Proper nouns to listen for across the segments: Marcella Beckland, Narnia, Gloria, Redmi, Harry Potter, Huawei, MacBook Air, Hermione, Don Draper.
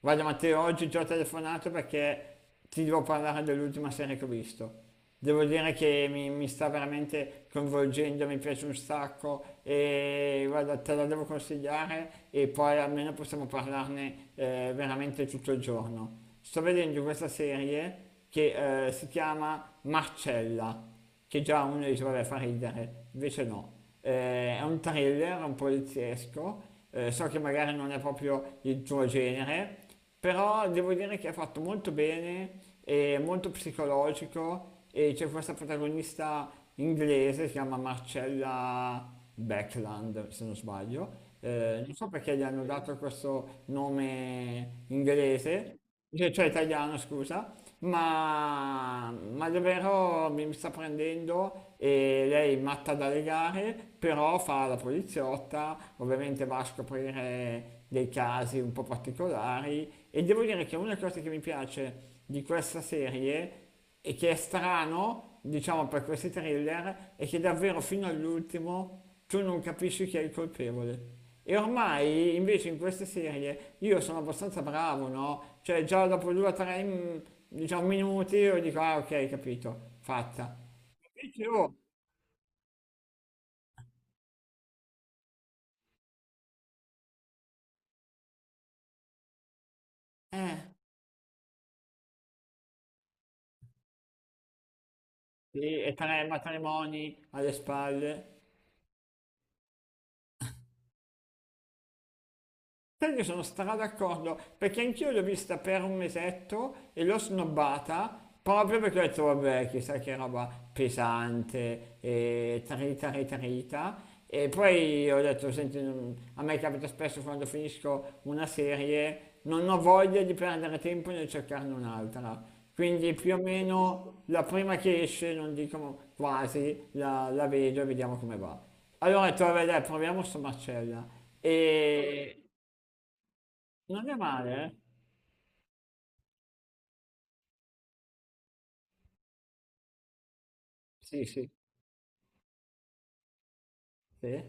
Guarda, Matteo, oggi ti ho telefonato perché ti devo parlare dell'ultima serie che ho visto. Devo dire che mi sta veramente coinvolgendo, mi piace un sacco e guarda, te la devo consigliare e poi almeno possiamo parlarne, veramente tutto il giorno. Sto vedendo questa serie che si chiama Marcella, che già uno dice vabbè, fa ridere, invece no, è un thriller, un poliziesco, so che magari non è proprio il tuo genere, però devo dire che è fatto molto bene, è molto psicologico e c'è questa protagonista inglese, si chiama Marcella Beckland, se non sbaglio, non so perché gli hanno dato questo nome inglese, cioè italiano, scusa, ma davvero mi sta prendendo e lei è matta dalle gare, però fa la poliziotta, ovviamente va a scoprire dei casi un po' particolari e devo dire che una cosa che mi piace di questa serie e che è strano, diciamo, per questi thriller, è che davvero fino all'ultimo tu non capisci chi è il colpevole. E ormai invece in queste serie io sono abbastanza bravo, no? Cioè già dopo due o tre, diciamo, minuti io dico, ah, ok, capito, fatta. Invece, oh, eh, sì, e tre matrimoni alle spalle. Sai che sono stra d'accordo, perché anch'io l'ho vista per un mesetto e l'ho snobbata proprio perché ho detto, vabbè, chissà che roba pesante e trita, trita, trita. E poi ho detto, senti, non- a me capita spesso quando finisco una serie, non ho voglia di perdere tempo nel cercarne un'altra. Quindi più o meno la prima che esce, non dico quasi, la vedo e vediamo come va. Allora ho detto, vabbè, dai, proviamo sto Marcella. E non è male, eh? Sì, sì. Sì?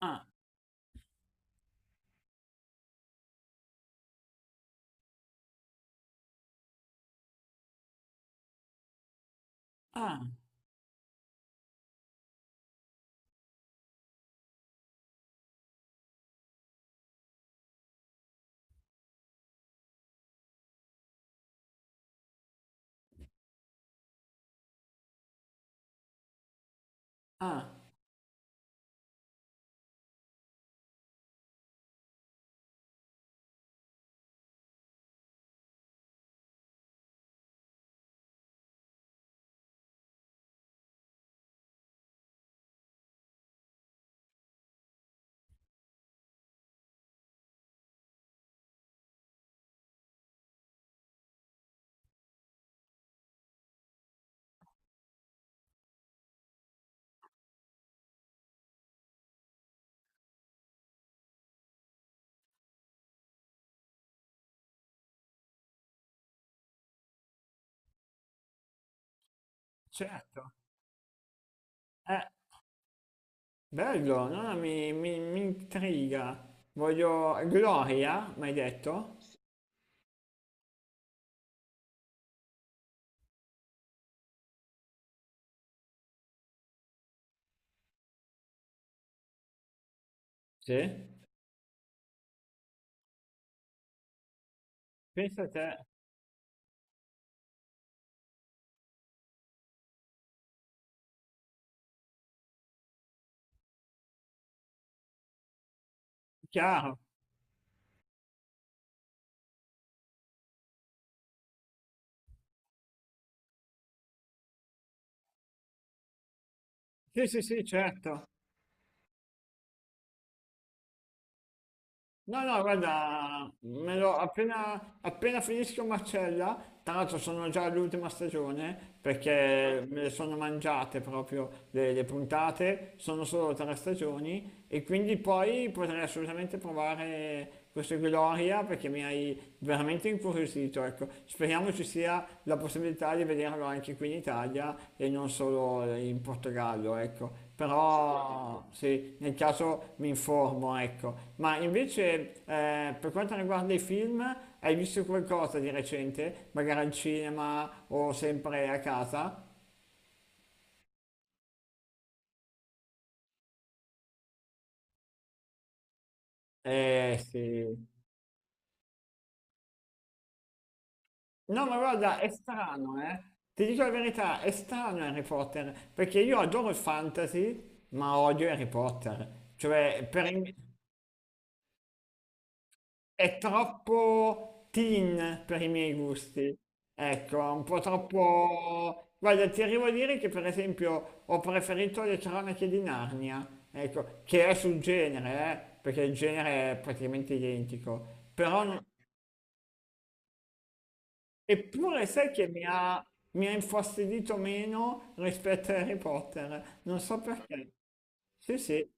Ah, ah, ah, certo. Eh, bello, no, no, mi intriga. Voglio... Gloria, mi hai detto? Sì? Pensa a te. Chiaro. Sì, sì, sì, certo. No, no, guarda, me lo- appena finisco Marcella, tra l'altro sono già all'ultima stagione perché me le sono mangiate proprio le puntate, sono solo tre stagioni e quindi poi potrei assolutamente provare questo Gloria perché mi hai veramente incuriosito, ecco. Speriamo ci sia la possibilità di vederlo anche qui in Italia e non solo in Portogallo, ecco. Però sì, nel caso mi informo, ecco. Ma invece, per quanto riguarda i film, hai visto qualcosa di recente? Magari al cinema o sempre a casa? Eh sì. No, ma guarda, è strano, eh. Ti dico la verità, è strano Harry Potter, perché io adoro il fantasy, ma odio Harry Potter. Cioè, per i- è troppo teen per i miei gusti. Ecco, un po' troppo... Guarda, ti arrivo a dire che per esempio ho preferito Le cronache di Narnia, ecco, che è sul genere, perché il genere è praticamente identico. Però non- Eppure sai che mi ha infastidito meno rispetto a Harry Potter, non so perché. Sì, sì,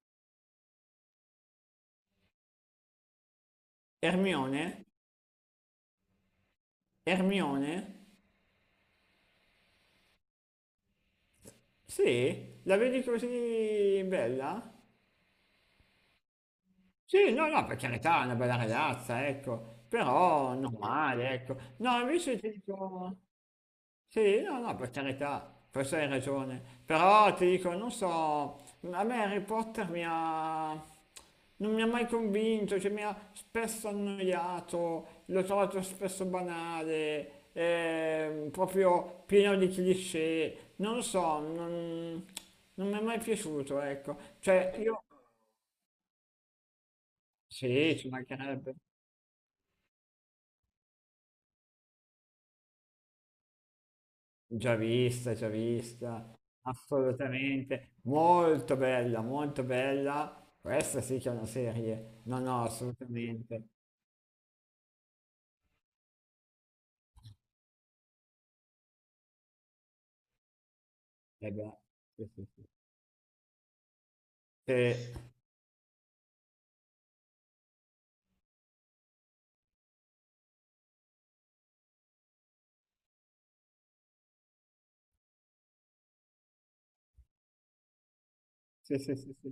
Hermione, Hermione, sì, la vedi così bella? Sì, no, no, per carità, è una bella ragazza, ecco, però normale, ecco. No, invece ti dico... Sì, no, no, per carità, forse hai ragione, però ti dico, non so, a me Harry Potter mi ha... non mi ha mai convinto, cioè mi ha spesso annoiato, l'ho trovato spesso banale, proprio pieno di cliché, non lo so, non, non mi è mai piaciuto, ecco, cioè io... Sì, ci mancherebbe. Già vista, assolutamente, molto bella, molto bella. Questa sì che è una serie, no, no, assolutamente. Eh beh, sì, sì, sì. Sì, sì, sì, sì, sì.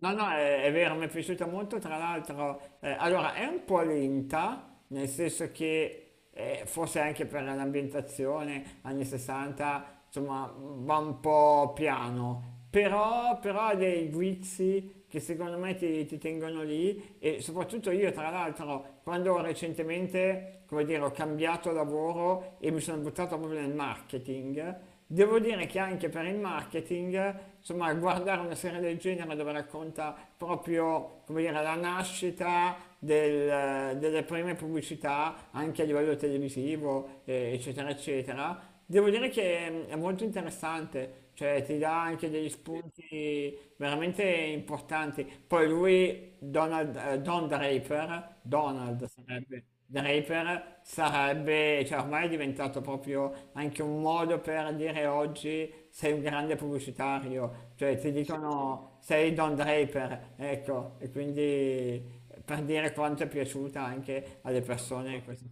No, no, è vero, mi è piaciuta molto, tra l'altro, allora è un po' lenta, nel senso che forse anche per l'ambientazione anni 60, insomma, va un po' piano, però, però ha dei guizzi che secondo me ti tengono lì e soprattutto io, tra l'altro, quando recentemente, come dire, ho cambiato lavoro e mi sono buttato proprio nel marketing, devo dire che anche per il marketing, insomma, guardare una serie del genere dove racconta proprio, come dire, la nascita del- delle prime pubblicità, anche a livello televisivo, eccetera, eccetera, devo dire che è molto interessante, cioè ti dà anche degli spunti veramente importanti. Poi lui, Donald, Don Draper, Donald sarebbe. Draper sarebbe, cioè ormai è diventato proprio anche un modo per dire oggi sei un grande pubblicitario, cioè ti dicono sei Don Draper, ecco, e quindi per dire quanto è piaciuta anche alle persone questa.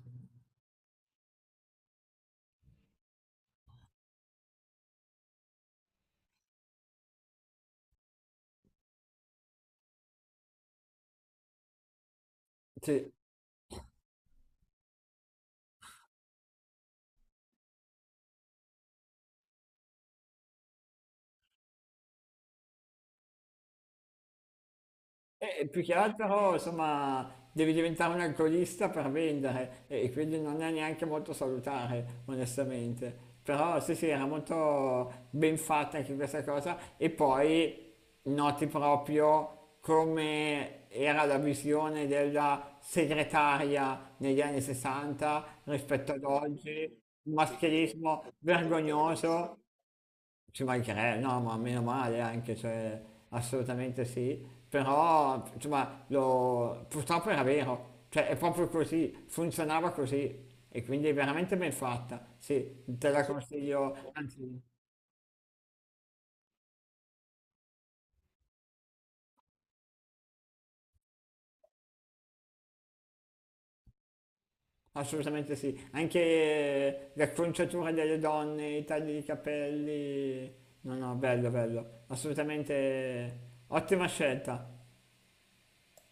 Sì. Più che altro, insomma, devi diventare un alcolista per vendere e quindi non è neanche molto salutare, onestamente. Però sì, sì, era molto ben fatta anche questa cosa e poi noti proprio come era la visione della segretaria negli anni 60 rispetto ad oggi, un maschilismo vergognoso, ci mancherebbe, no, ma meno male anche, cioè, assolutamente sì, però, insomma, lo- purtroppo era vero, cioè, è proprio così, funzionava così, e quindi è veramente ben fatta, sì, te la consiglio, anzi, assolutamente sì, anche l'acconciatura delle donne, i tagli di capelli, no, no, bello, bello, assolutamente ottima scelta.